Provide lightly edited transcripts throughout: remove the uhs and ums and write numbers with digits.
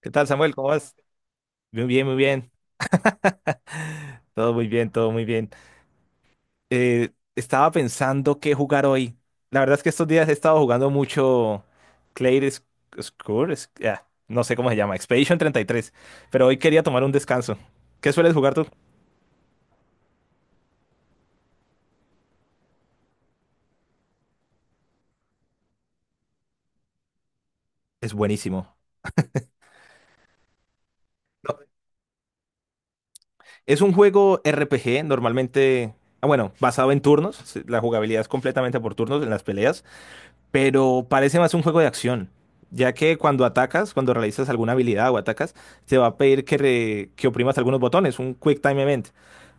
¿Qué tal, Samuel? ¿Cómo vas? Muy bien, muy bien. Todo muy bien, todo muy bien. Estaba pensando qué jugar hoy. La verdad es que estos días he estado jugando mucho Clair Score, no sé cómo se llama, Expedition treinta y tres. Pero hoy quería tomar un descanso. ¿Qué sueles jugar tú? Es buenísimo. Es un juego RPG, normalmente, bueno, basado en turnos. La jugabilidad es completamente por turnos en las peleas. Pero parece más un juego de acción, ya que cuando atacas, cuando realizas alguna habilidad o atacas, te va a pedir que, que oprimas algunos botones, un Quick Time Event,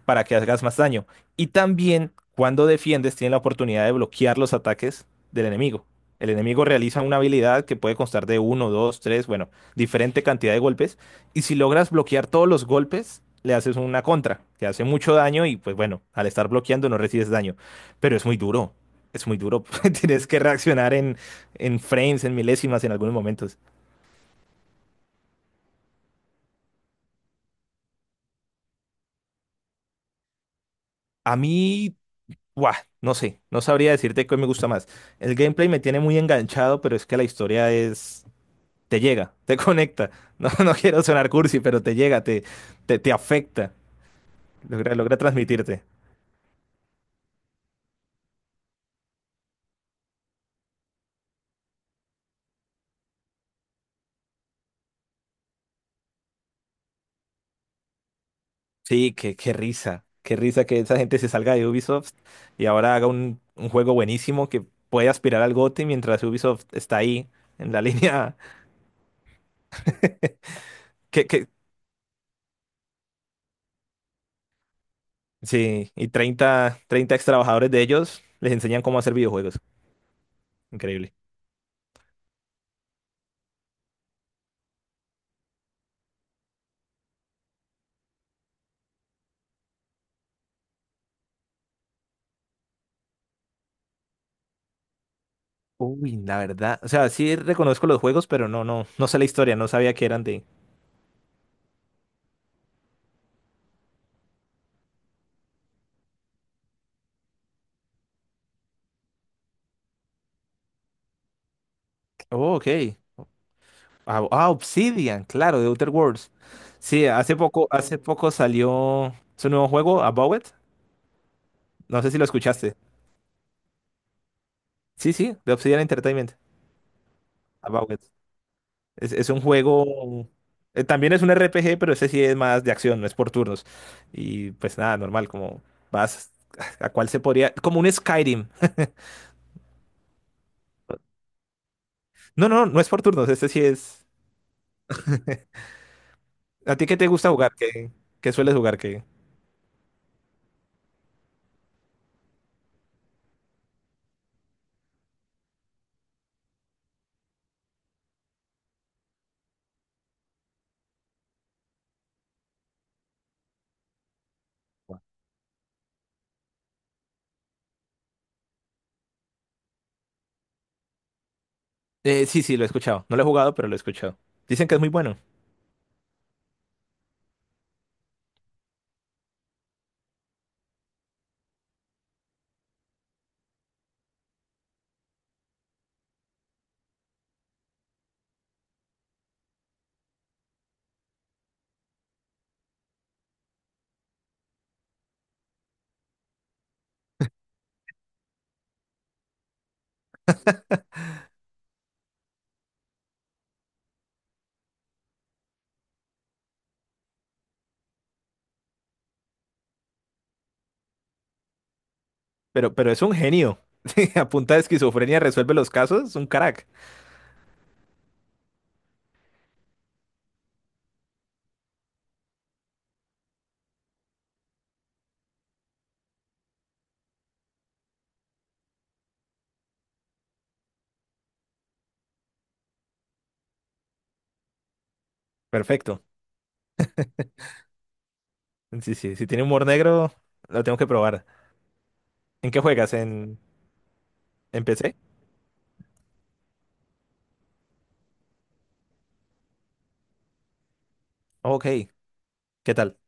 para que hagas más daño. Y también cuando defiendes, tienes la oportunidad de bloquear los ataques del enemigo. El enemigo realiza una habilidad que puede constar de uno, dos, tres, bueno, diferente cantidad de golpes. Y si logras bloquear todos los golpes, le haces una contra, que hace mucho daño y pues bueno, al estar bloqueando no recibes daño. Pero es muy duro, es muy duro. Tienes que reaccionar en frames, en milésimas, en algunos momentos. A mí, buah, no sé, no sabría decirte qué me gusta más. El gameplay me tiene muy enganchado, pero es que la historia es... Te llega, te conecta. No, no quiero sonar cursi, pero te llega, te, te afecta. Logra transmitirte. Sí, qué risa. Qué risa que esa gente se salga de Ubisoft y ahora haga un juego buenísimo que puede aspirar al GOTY mientras Ubisoft está ahí, en la línea... ¿Qué, qué, sí, y treinta ex trabajadores de ellos les enseñan cómo hacer videojuegos. Increíble. Uy, la verdad. O sea, sí reconozco los juegos, pero no, no, no sé la historia, no sabía que eran de. Oh, ok. Obsidian, claro, de Outer Worlds. Sí, hace poco salió su nuevo juego, About It. No sé si lo escuchaste. Sí, sí, de Obsidian Entertainment. About It. Es un juego. También es un RPG, pero ese sí es más de acción, no es por turnos. Y pues nada, normal, como vas. ¿A cuál se podría? Como un Skyrim. No, no, no es por turnos, este sí es. ¿A ti qué te gusta jugar? Qué sueles jugar? ¿Qué? Sí, sí, lo he escuchado. No lo he jugado, pero lo he escuchado. Dicen que es muy bueno, pero es un genio. A punta de esquizofrenia resuelve los casos, es un crack. Perfecto. Sí, sí, si tiene humor negro, lo tengo que probar. ¿En qué juegas? ¿En PC? Ok, ¿qué tal?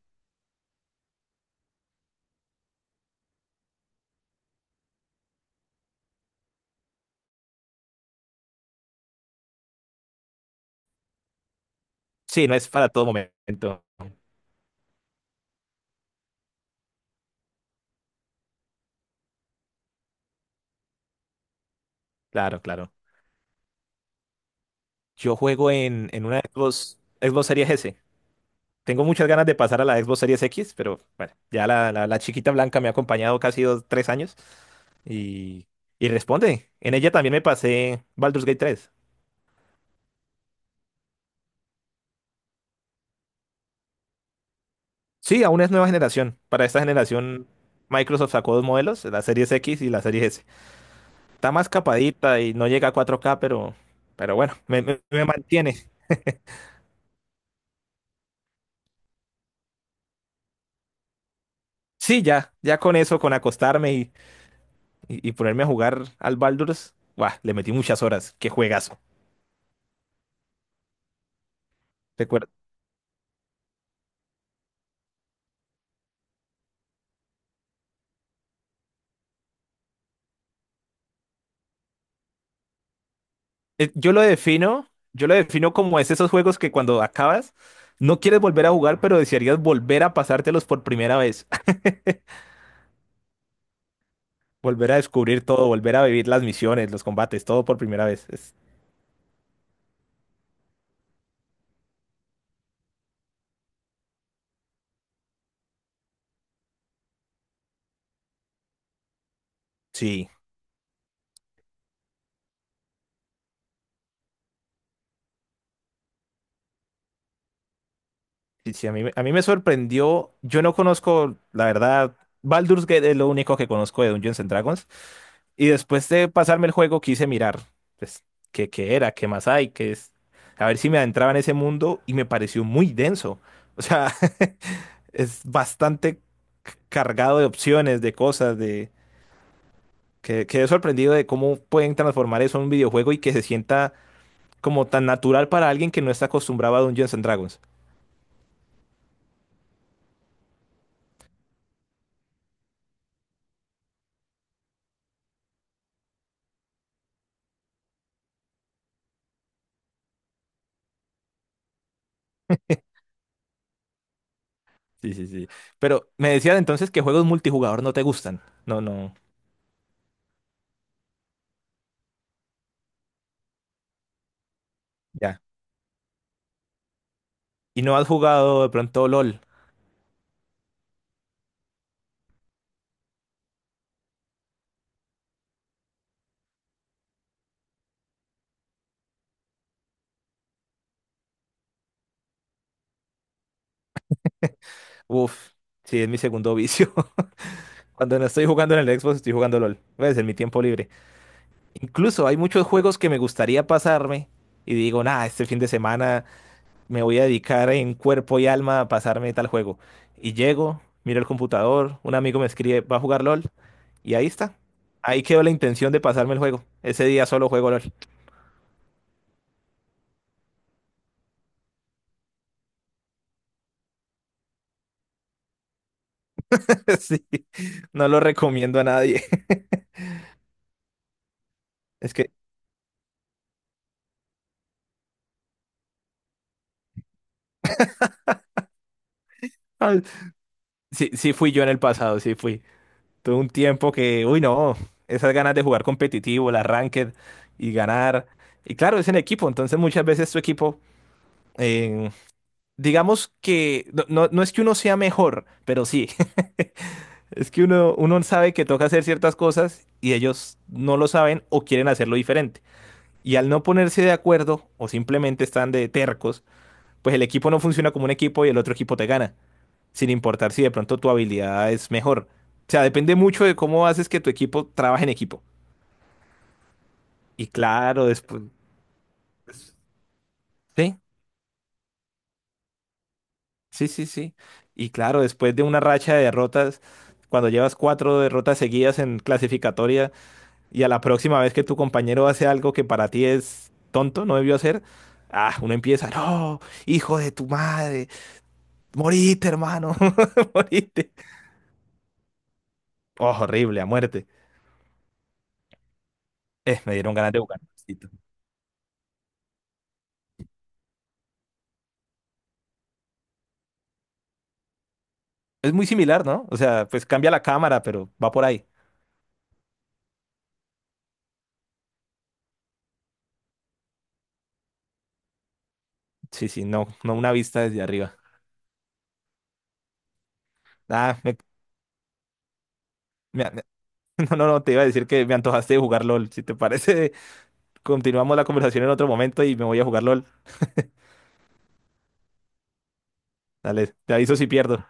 Sí, no es para todo momento. Claro, claro. Yo juego en una Xbox, Xbox Series S. Tengo muchas ganas de pasar a la Xbox Series X, pero bueno, ya la chiquita blanca me ha acompañado casi dos, tres años y, y responde. En ella también me pasé Baldur's Gate 3. Sí, aún es nueva generación. Para esta generación, Microsoft sacó dos modelos, la Series X y la Series S. Está más capadita y no llega a 4K, pero bueno, me, me mantiene. Sí, ya, ya con eso, con acostarme y y ponerme a jugar al Baldur's, ¡buah! Le metí muchas horas. ¡Qué juegazo! Recuerda- eh, yo lo defino, yo lo defino como es esos juegos que cuando acabas no quieres volver a jugar, pero desearías volver a pasártelos por primera vez. Volver a descubrir todo, volver a vivir las misiones, los combates, todo por primera vez. Es- sí. Sí, sí, a mí, a mí me sorprendió. Yo no conozco, la verdad, Baldur's Gate es lo único que conozco de Dungeons and Dragons. Y después de pasarme el juego quise mirar, pues, qué era, qué más hay, qué es. A ver si me adentraba en ese mundo y me pareció muy denso. O sea, es bastante cargado de opciones, de cosas, de... quedé sorprendido de cómo pueden transformar eso en un videojuego y que se sienta como tan natural para alguien que no está acostumbrado a Dungeons and Dragons. Sí, sí, sí. Pero me decías entonces que juegos multijugador no te gustan. No, no, ya. ¿Y no has jugado de pronto LOL? Uf, sí, es mi segundo vicio. Cuando no estoy jugando en el Xbox, estoy jugando LOL. Pues en mi tiempo libre. Incluso hay muchos juegos que me gustaría pasarme y digo, nah, este fin de semana me voy a dedicar en cuerpo y alma a pasarme tal juego. Y llego, miro el computador, un amigo me escribe, va a jugar LOL y ahí está. Ahí quedó la intención de pasarme el juego. Ese día solo juego LOL. Sí, no lo recomiendo a nadie. Es que al- sí, sí fui yo en el pasado, sí fui. Tuve un tiempo que, uy, no, esas ganas de jugar competitivo, el ranked y ganar. Y claro, es en equipo, entonces muchas veces tu equipo, eh, digamos que no, no es que uno sea mejor, pero sí, es que uno, uno sabe que toca hacer ciertas cosas y ellos no lo saben o quieren hacerlo diferente. Y al no ponerse de acuerdo o simplemente están de tercos, pues el equipo no funciona como un equipo y el otro equipo te gana, sin importar si de pronto tu habilidad es mejor. O sea, depende mucho de cómo haces que tu equipo trabaje en equipo. Y claro, después... Sí, sí, sí, sí. Y claro, después de una racha de derrotas, cuando llevas 4 derrotas seguidas en clasificatoria y a la próxima vez que tu compañero hace algo que para ti es tonto, no debió hacer, ah, uno empieza, no, hijo de tu madre, moriste, hermano, moriste. Oh, horrible, a muerte. Me dieron ganas de jugar. Es muy similar, ¿no? O sea, pues cambia la cámara, pero va por ahí. Sí, sí, no, no una vista desde arriba. Ah, me- me- no, no, no, te iba a decir que me antojaste de jugar LOL. Si te parece, continuamos la conversación en otro momento y me voy a jugar LOL. Dale, te aviso si pierdo.